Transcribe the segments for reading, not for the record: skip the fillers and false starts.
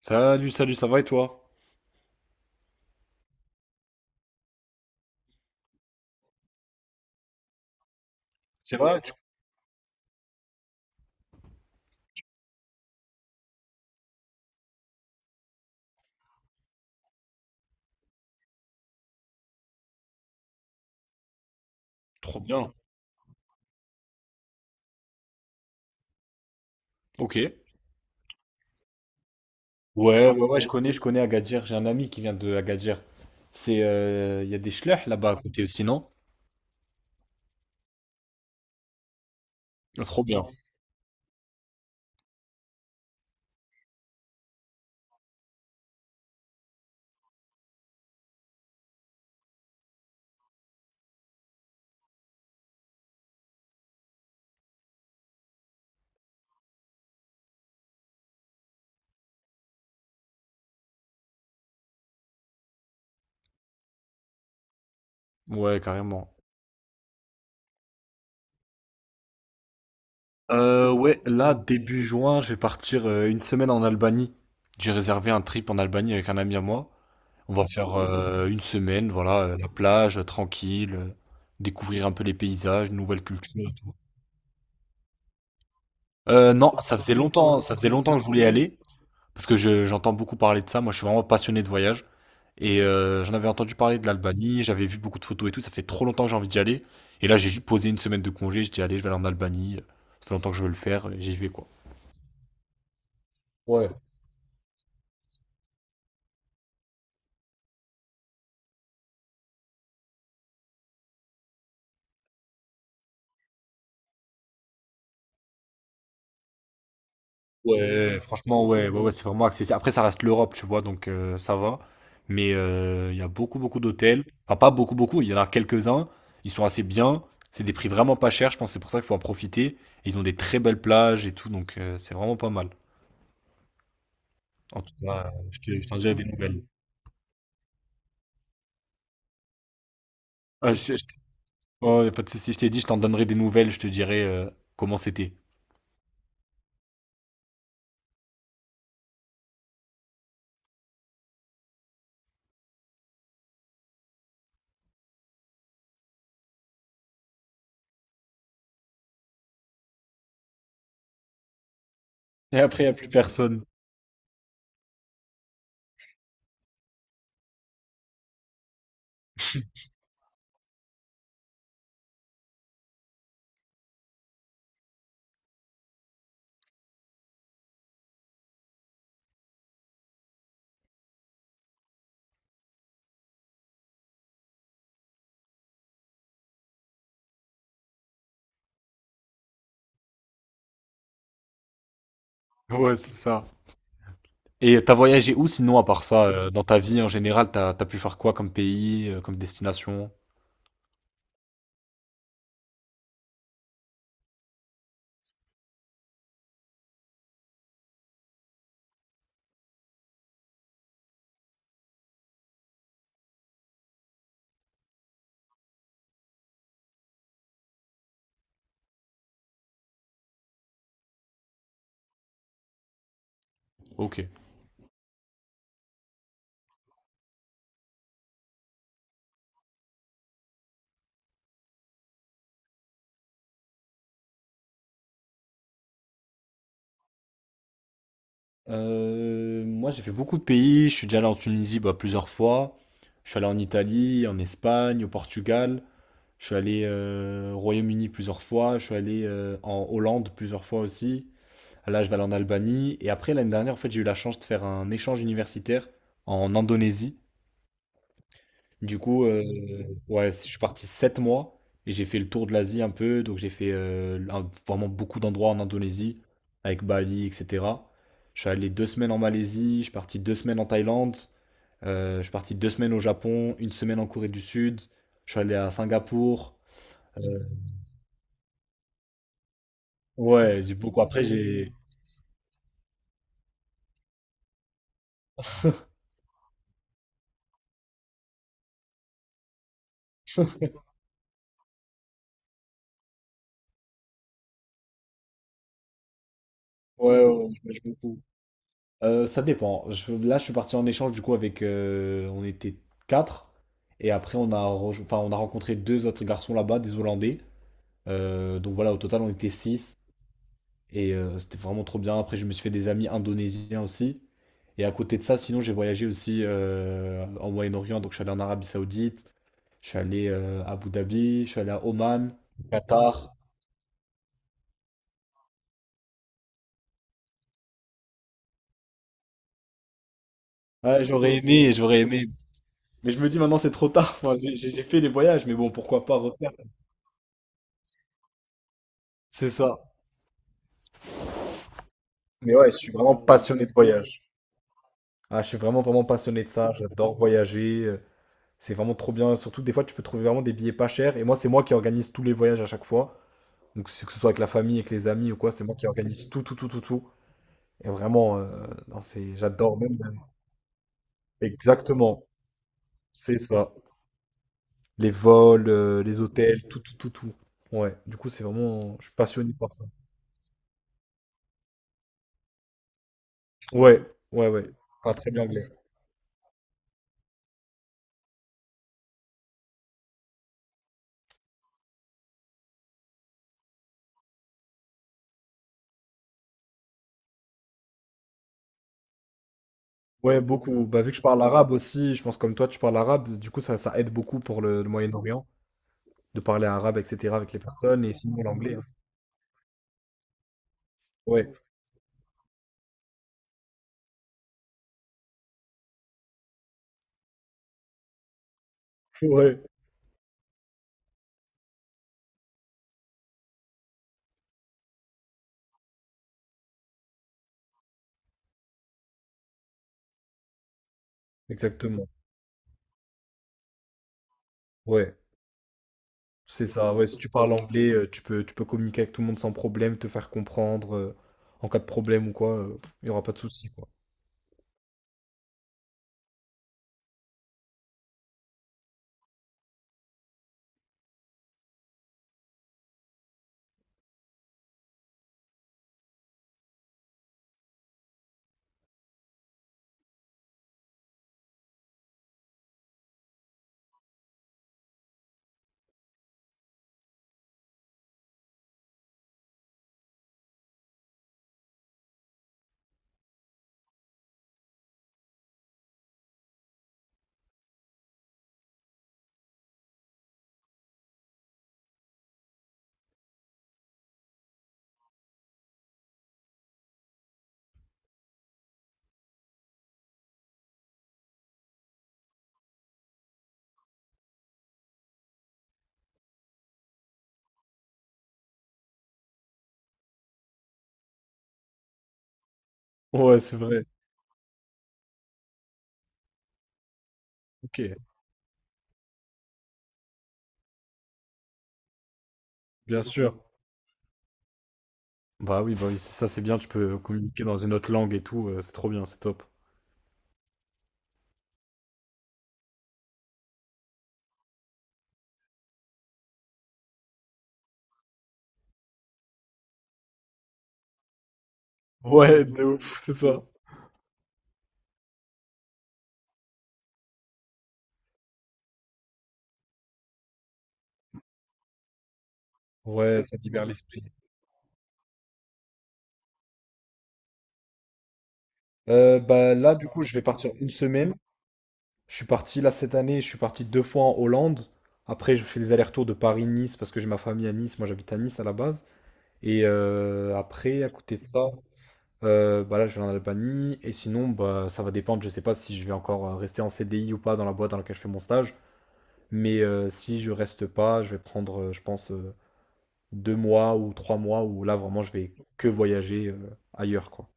Salut, salut, ça va et toi? C'est, ouais, vrai? Trop bien. Ok. Ouais, ouais, ouais, je, ouais, connais Agadir. J'ai un ami qui vient de Agadir. C'est, il y a des schlech là-bas à côté aussi, non? Trop bien. Ouais, carrément. Ouais, là, début juin, je vais partir une semaine en Albanie. J'ai réservé un trip en Albanie avec un ami à moi. On va faire une semaine, voilà, la plage, tranquille, découvrir un peu les paysages, nouvelles cultures et tout. Non, ça faisait longtemps que je voulais y aller. Parce que j'entends beaucoup parler de ça. Moi, je suis vraiment passionné de voyage. Et j'en avais entendu parler de l'Albanie, j'avais vu beaucoup de photos et tout. Ça fait trop longtemps que j'ai envie d'y aller. Et là, j'ai juste posé une semaine de congé. Je dis, allez, je vais aller en Albanie. Ça fait longtemps que je veux le faire, et j'y vais, quoi. Ouais, ouais, franchement, ouais, ouais, ouais, c'est vraiment accessible. Après, ça reste l'Europe, tu vois, donc ça va. Mais il y a beaucoup, beaucoup d'hôtels. Enfin, pas beaucoup, beaucoup. Il y en a quelques-uns. Ils sont assez bien. C'est des prix vraiment pas chers. Je pense que c'est pour ça qu'il faut en profiter. Et ils ont des très belles plages et tout. Donc, c'est vraiment pas mal. En tout cas, je t'en dirai des nouvelles. Ah, je oh, y a pas de souci, je t'ai dit, je t'en donnerai des nouvelles, je te dirai, comment c'était. Et après, il y a plus personne. Ouais, c'est ça. Et t'as voyagé où sinon à part ça, dans ta vie en général, t'as pu faire quoi comme pays, comme destination? OK. Moi, j'ai fait beaucoup de pays. Je suis déjà allé en Tunisie, bah, plusieurs fois. Je suis allé en Italie, en Espagne, au Portugal. Je suis allé au Royaume-Uni plusieurs fois. Je suis allé en Hollande plusieurs fois aussi. Là, je vais aller en Albanie. Et après, l'année dernière, en fait, j'ai eu la chance de faire un échange universitaire en Indonésie. Du coup, ouais, je suis parti 7 mois et j'ai fait le tour de l'Asie un peu. Donc, j'ai fait vraiment beaucoup d'endroits en Indonésie, avec Bali, etc. Je suis allé 2 semaines en Malaisie, je suis parti 2 semaines en Thaïlande, je suis parti 2 semaines au Japon, une semaine en Corée du Sud, je suis allé à Singapour. Euh, ouais, j'ai beaucoup. Après, j'ai. Ouais, ouais, ouais, je voyage beaucoup. Ça dépend. Là, je suis parti en échange du coup avec, on était quatre. Et après, on a rencontré deux autres garçons là-bas, des Hollandais. Donc voilà, au total, on était six. Et c'était vraiment trop bien. Après, je me suis fait des amis indonésiens aussi. Et à côté de ça, sinon, j'ai voyagé aussi en Moyen-Orient. Donc, je suis allé en Arabie Saoudite. Je suis allé à Abu Dhabi. Je suis allé à Oman, Qatar. Ouais, j'aurais aimé, j'aurais aimé. Mais je me dis maintenant, c'est trop tard. Enfin, j'ai fait les voyages, mais bon, pourquoi pas refaire? C'est ça. Mais ouais, je suis vraiment passionné de voyage. Ah, je suis vraiment, vraiment passionné de ça. J'adore voyager. C'est vraiment trop bien. Surtout, des fois, tu peux trouver vraiment des billets pas chers. Et moi, c'est moi qui organise tous les voyages à chaque fois. Donc, c'est que ce soit avec la famille, avec les amis ou quoi, c'est moi qui organise tout, tout, tout, tout, tout. Et vraiment, non, c'est, j'adore même. Exactement. C'est ça. Les vols, les hôtels, tout, tout, tout, tout. Ouais. Du coup, c'est vraiment, je suis passionné par. Ouais, ouais, ouais. Pas très bien anglais. Ouais, beaucoup. Bah, vu que je parle arabe aussi, je pense comme toi, tu parles arabe, du coup, ça aide beaucoup pour le Moyen-Orient, de parler arabe, etc., avec les personnes, et sinon l'anglais, hein. Ouais, ouais, exactement. C'est ça, ouais, si tu parles anglais, tu peux, euh, en cas de- il n'y aura pas de souci, quoi. Ouais, c'est vrai, ok, bien sûr. Bah oui, c'est ça, c'est bien, tu peux communiquer dans une autre langue et tout, c'est trop bien, c'est top. Ouais, de ouf, c'est ça. Ouais, ça libère l'esprit. Bah là, du coup, je vais partir une semaine. Je suis parti là cette année, je suis parti deux fois en Hollande. Après, je fais des allers-retours de Paris-Nice parce que j'ai ma famille à Nice. Moi, j'habite à Nice à la base. Et après, à côté de ça, bah là, je vais en Albanie. Et sinon, bah, ça va dépendre. Je sais pas si je vais encore rester en CDI ou pas dans la boîte dans laquelle je fais mon stage. Mais si je reste pas, je vais prendre, je pense, 2 mois ou 3 mois où là, vraiment, je vais que voyager ailleurs, quoi.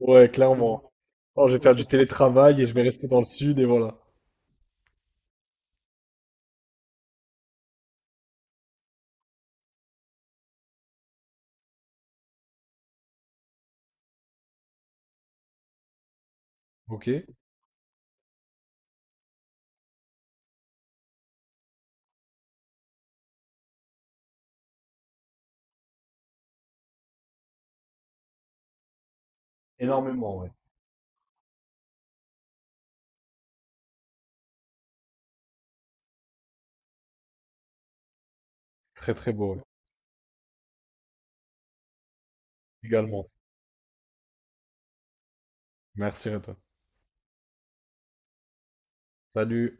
Ouais, clairement. Oh, je vais faire du télétravail et je vais rester dans le sud et voilà. Ok. Énormément, ouais. Très, très beau, ouais. Également. Merci à toi. Salut.